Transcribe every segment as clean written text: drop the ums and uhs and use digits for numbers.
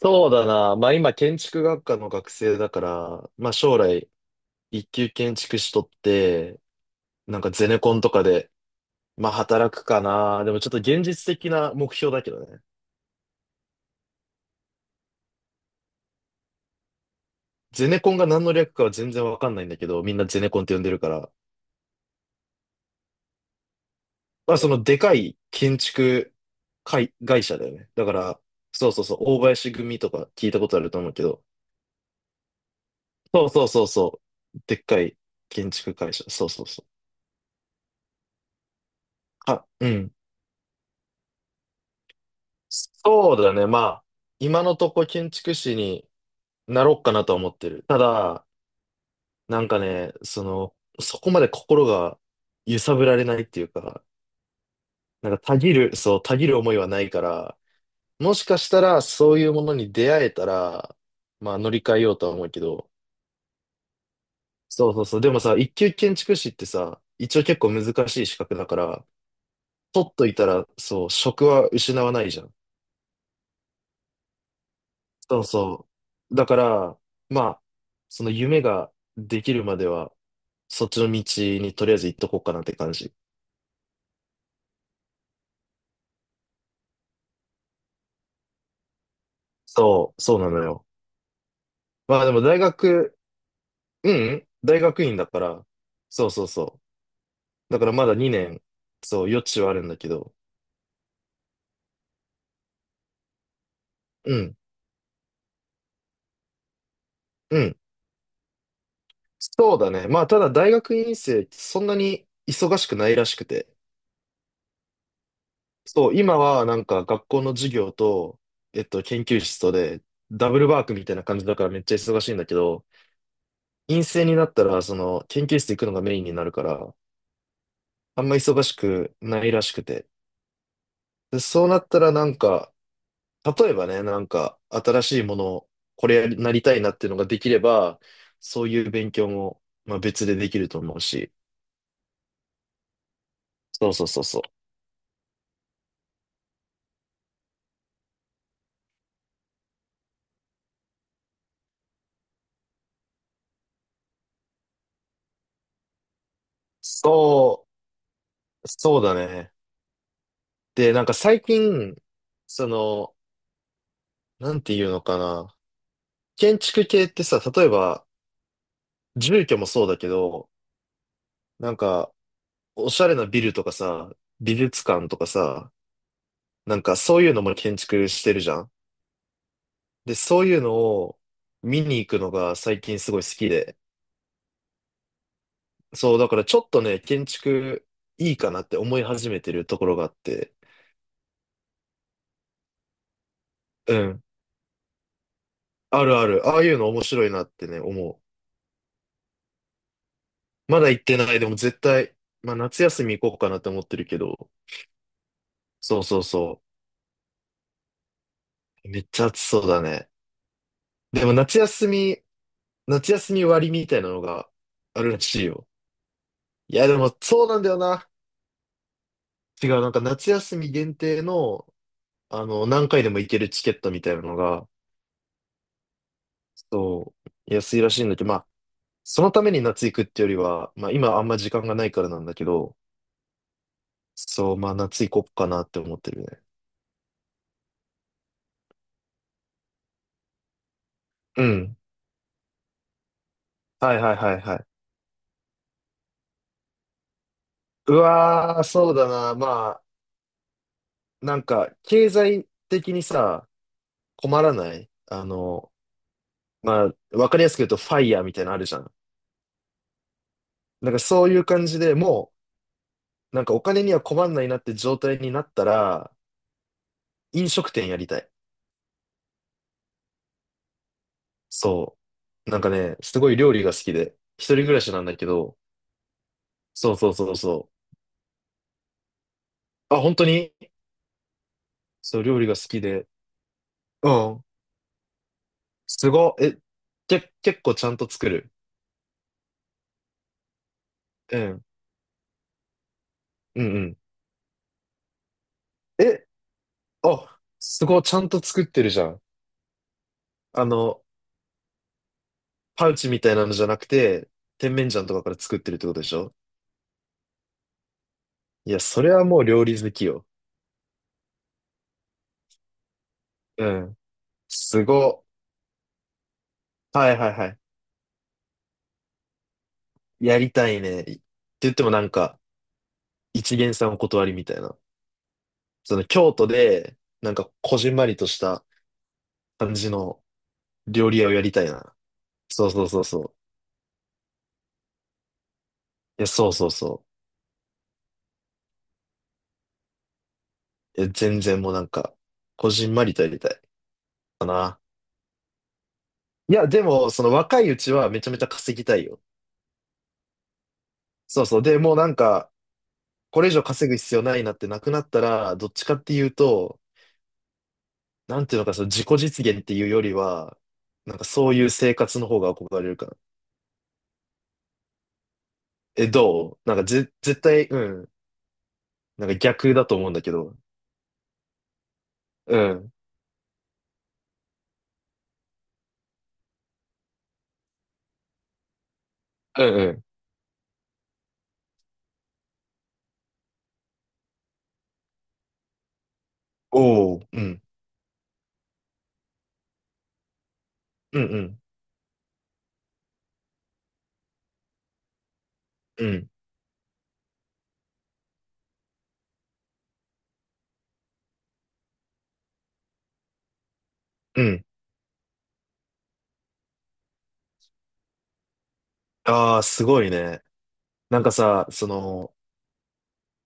そうだな。まあ今建築学科の学生だから、まあ将来一級建築士とって、なんかゼネコンとかで、まあ働くかな。でもちょっと現実的な目標だけどね。ゼネコンが何の略かは全然わかんないんだけど、みんなゼネコンって呼んでるから。まあそのでかい建築会社だよね。だから、そうそうそう、大林組とか聞いたことあると思うけど。そうそうそうそう。でっかい建築会社。そうそうそう。あ、うん。そうだね。まあ、今のとこ建築士になろうかなとは思ってる。ただ、なんかね、その、そこまで心が揺さぶられないっていうか、なんかたぎる思いはないから、もしかしたらそういうものに出会えたら、まあ乗り換えようとは思うけど、そうそうそう。でもさ、一級建築士ってさ、一応結構難しい資格だから、取っといたら、そう、職は失わないじゃん。そうそう。だから、まあ、その夢ができるまでは、そっちの道にとりあえず行っとこうかなって感じ。そうなのよ。まあでも大学院だから、そうそうそう。だからまだ2年、そう、余地はあるんだけど、うん、うん。そうだね。まあただ大学院生、そんなに忙しくないらしくて。そう、今はなんか学校の授業と、研究室とで、ダブルワークみたいな感じだからめっちゃ忙しいんだけど、陰性になったら、その、研究室行くのがメインになるから、あんま忙しくないらしくて。で、そうなったらなんか、例えばね、なんか、新しいものを、これやりなりたいなっていうのができれば、そういう勉強も、まあ別でできると思うし。そうそうそうそう。そそうだね。で、なんか最近、その、なんていうのかな。建築系ってさ、例えば、住居もそうだけど、なんか、おしゃれなビルとかさ、美術館とかさ、なんかそういうのも建築してるじゃん。で、そういうのを見に行くのが最近すごい好きで。そう、だからちょっとね、建築いいかなって思い始めてるところがあって。うん。あるある。ああいうの面白いなってね、思う。まだ行ってない。でも絶対、まあ夏休み行こうかなって思ってるけど。そうそうそう。めっちゃ暑そうだね。でも夏休み割みたいなのがあるらしいよ。いや、でもそうなんだよな。違う、なんか夏休み限定の何回でも行けるチケットみたいなのが、そう、安いらしいんだけど、まあ、そのために夏行くってよりは、まあ今あんま時間がないからなんだけど、そう、まあ夏行こっかなって思ってるね。うん。はいはいはいはい。うわー、そうだな。まあ、なんか、経済的にさ、困らないまあ、わかりやすく言うと、ファイヤーみたいなのあるじゃん。なんかそういう感じでもう、なんかお金には困んないなって状態になったら、飲食店やりたい。そう。なんかね、すごい料理が好きで、一人暮らしなんだけど、そうそうそうそう。あ、本当にそう、料理が好きで。うん。すごい。え、結構ちゃんと作る？うん。うんうん。え、あ、すごい、ちゃんと作ってるじゃん。あの、パウチみたいなのじゃなくて、甜麺醤とかから作ってるってことでしょ？いや、それはもう料理好きよ。うん。すごい。はいはいはい。やりたいね。って言ってもなんか、一見さんお断りみたいな。その京都で、なんかこじんまりとした感じの料理屋をやりたいな。そうそうそうそう。いや、そうそうそう。いや、全然もうなんか、こじんまりとやりたいかな。いや、でも、その若いうちはめちゃめちゃ稼ぎたいよ。そうそう。で、もうなんか、これ以上稼ぐ必要ないなってなくなったら、どっちかっていうと、なんていうのか、その自己実現っていうよりは、なんかそういう生活の方が憧れるから。え、どうなんか絶対、うん。なんか逆だと思うんだけど。うん。うんうん、おお、うん、うん、うん、うん、うん。ああ、すごいね。なんかさ、その、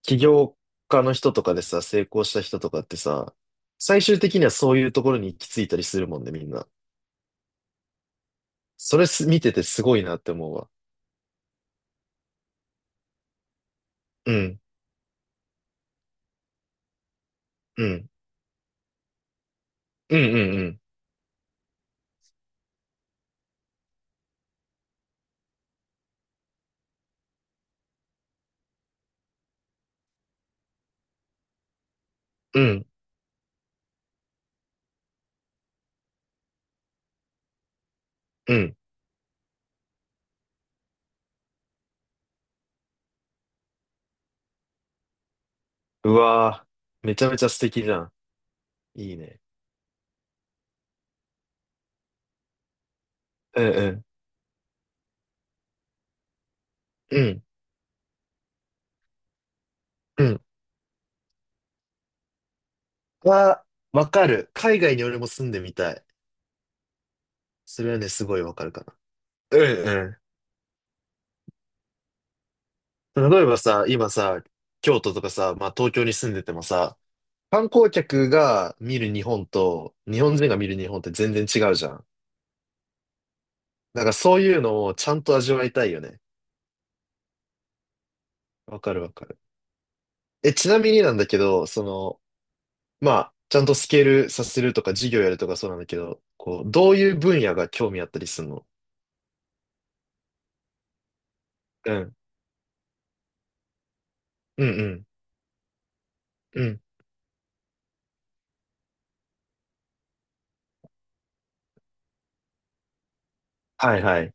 起業家の人とかでさ、成功した人とかってさ、最終的にはそういうところに行き着いたりするもんね、みんな。それ見ててすごいなって思うわ。うん、うん、うん、うん、うん、うん、うん。うわーめちゃめちゃ素敵じゃん。いいね。うん、うん、うん、うん。わーわかる。海外に俺も住んでみたい。それはね、すごいわかるかな。うん、例えばさ、今さ、京都とかさ、まあ東京に住んでてもさ、観光客が見る日本と日本人が見る日本って全然違うじゃん。なんからそういうのをちゃんと味わいたいよね。わかるわかる。え、ちなみになんだけど、その、まあ、ちゃんとスケールさせるとか事業やるとかそうなんだけど、こう、どういう分野が興味あったりするの？うん。うんうん。うん。はいはい。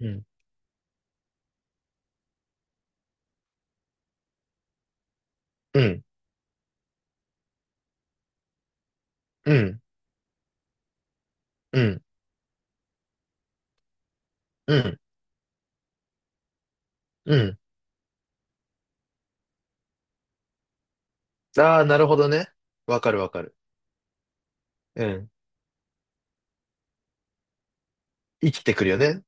うん。うん。うん。うん。うん。うん。ああ、なるほどね。わかるわかる。うん。生きてくるよね。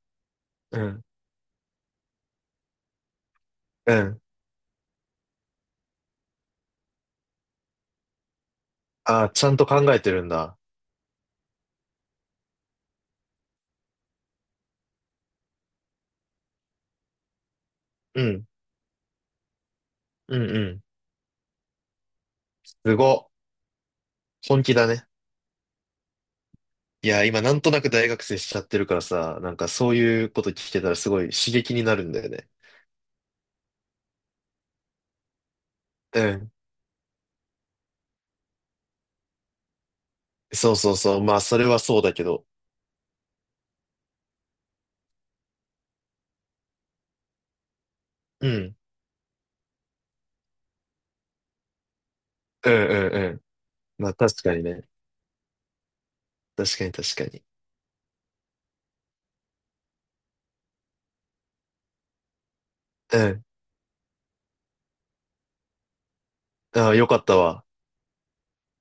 うんうん。ああ、ちゃんと考えてるんだ。うん。うんうん。すご。本気だね。いや、今なんとなく大学生しちゃってるからさ、なんかそういうこと聞けたらすごい刺激になるんだよね。うん。そうそうそう。まあ、それはそうだけど。うん。うんうんうん。まあ、確かにね。確かに確かに。うん。ああ、よかったわ。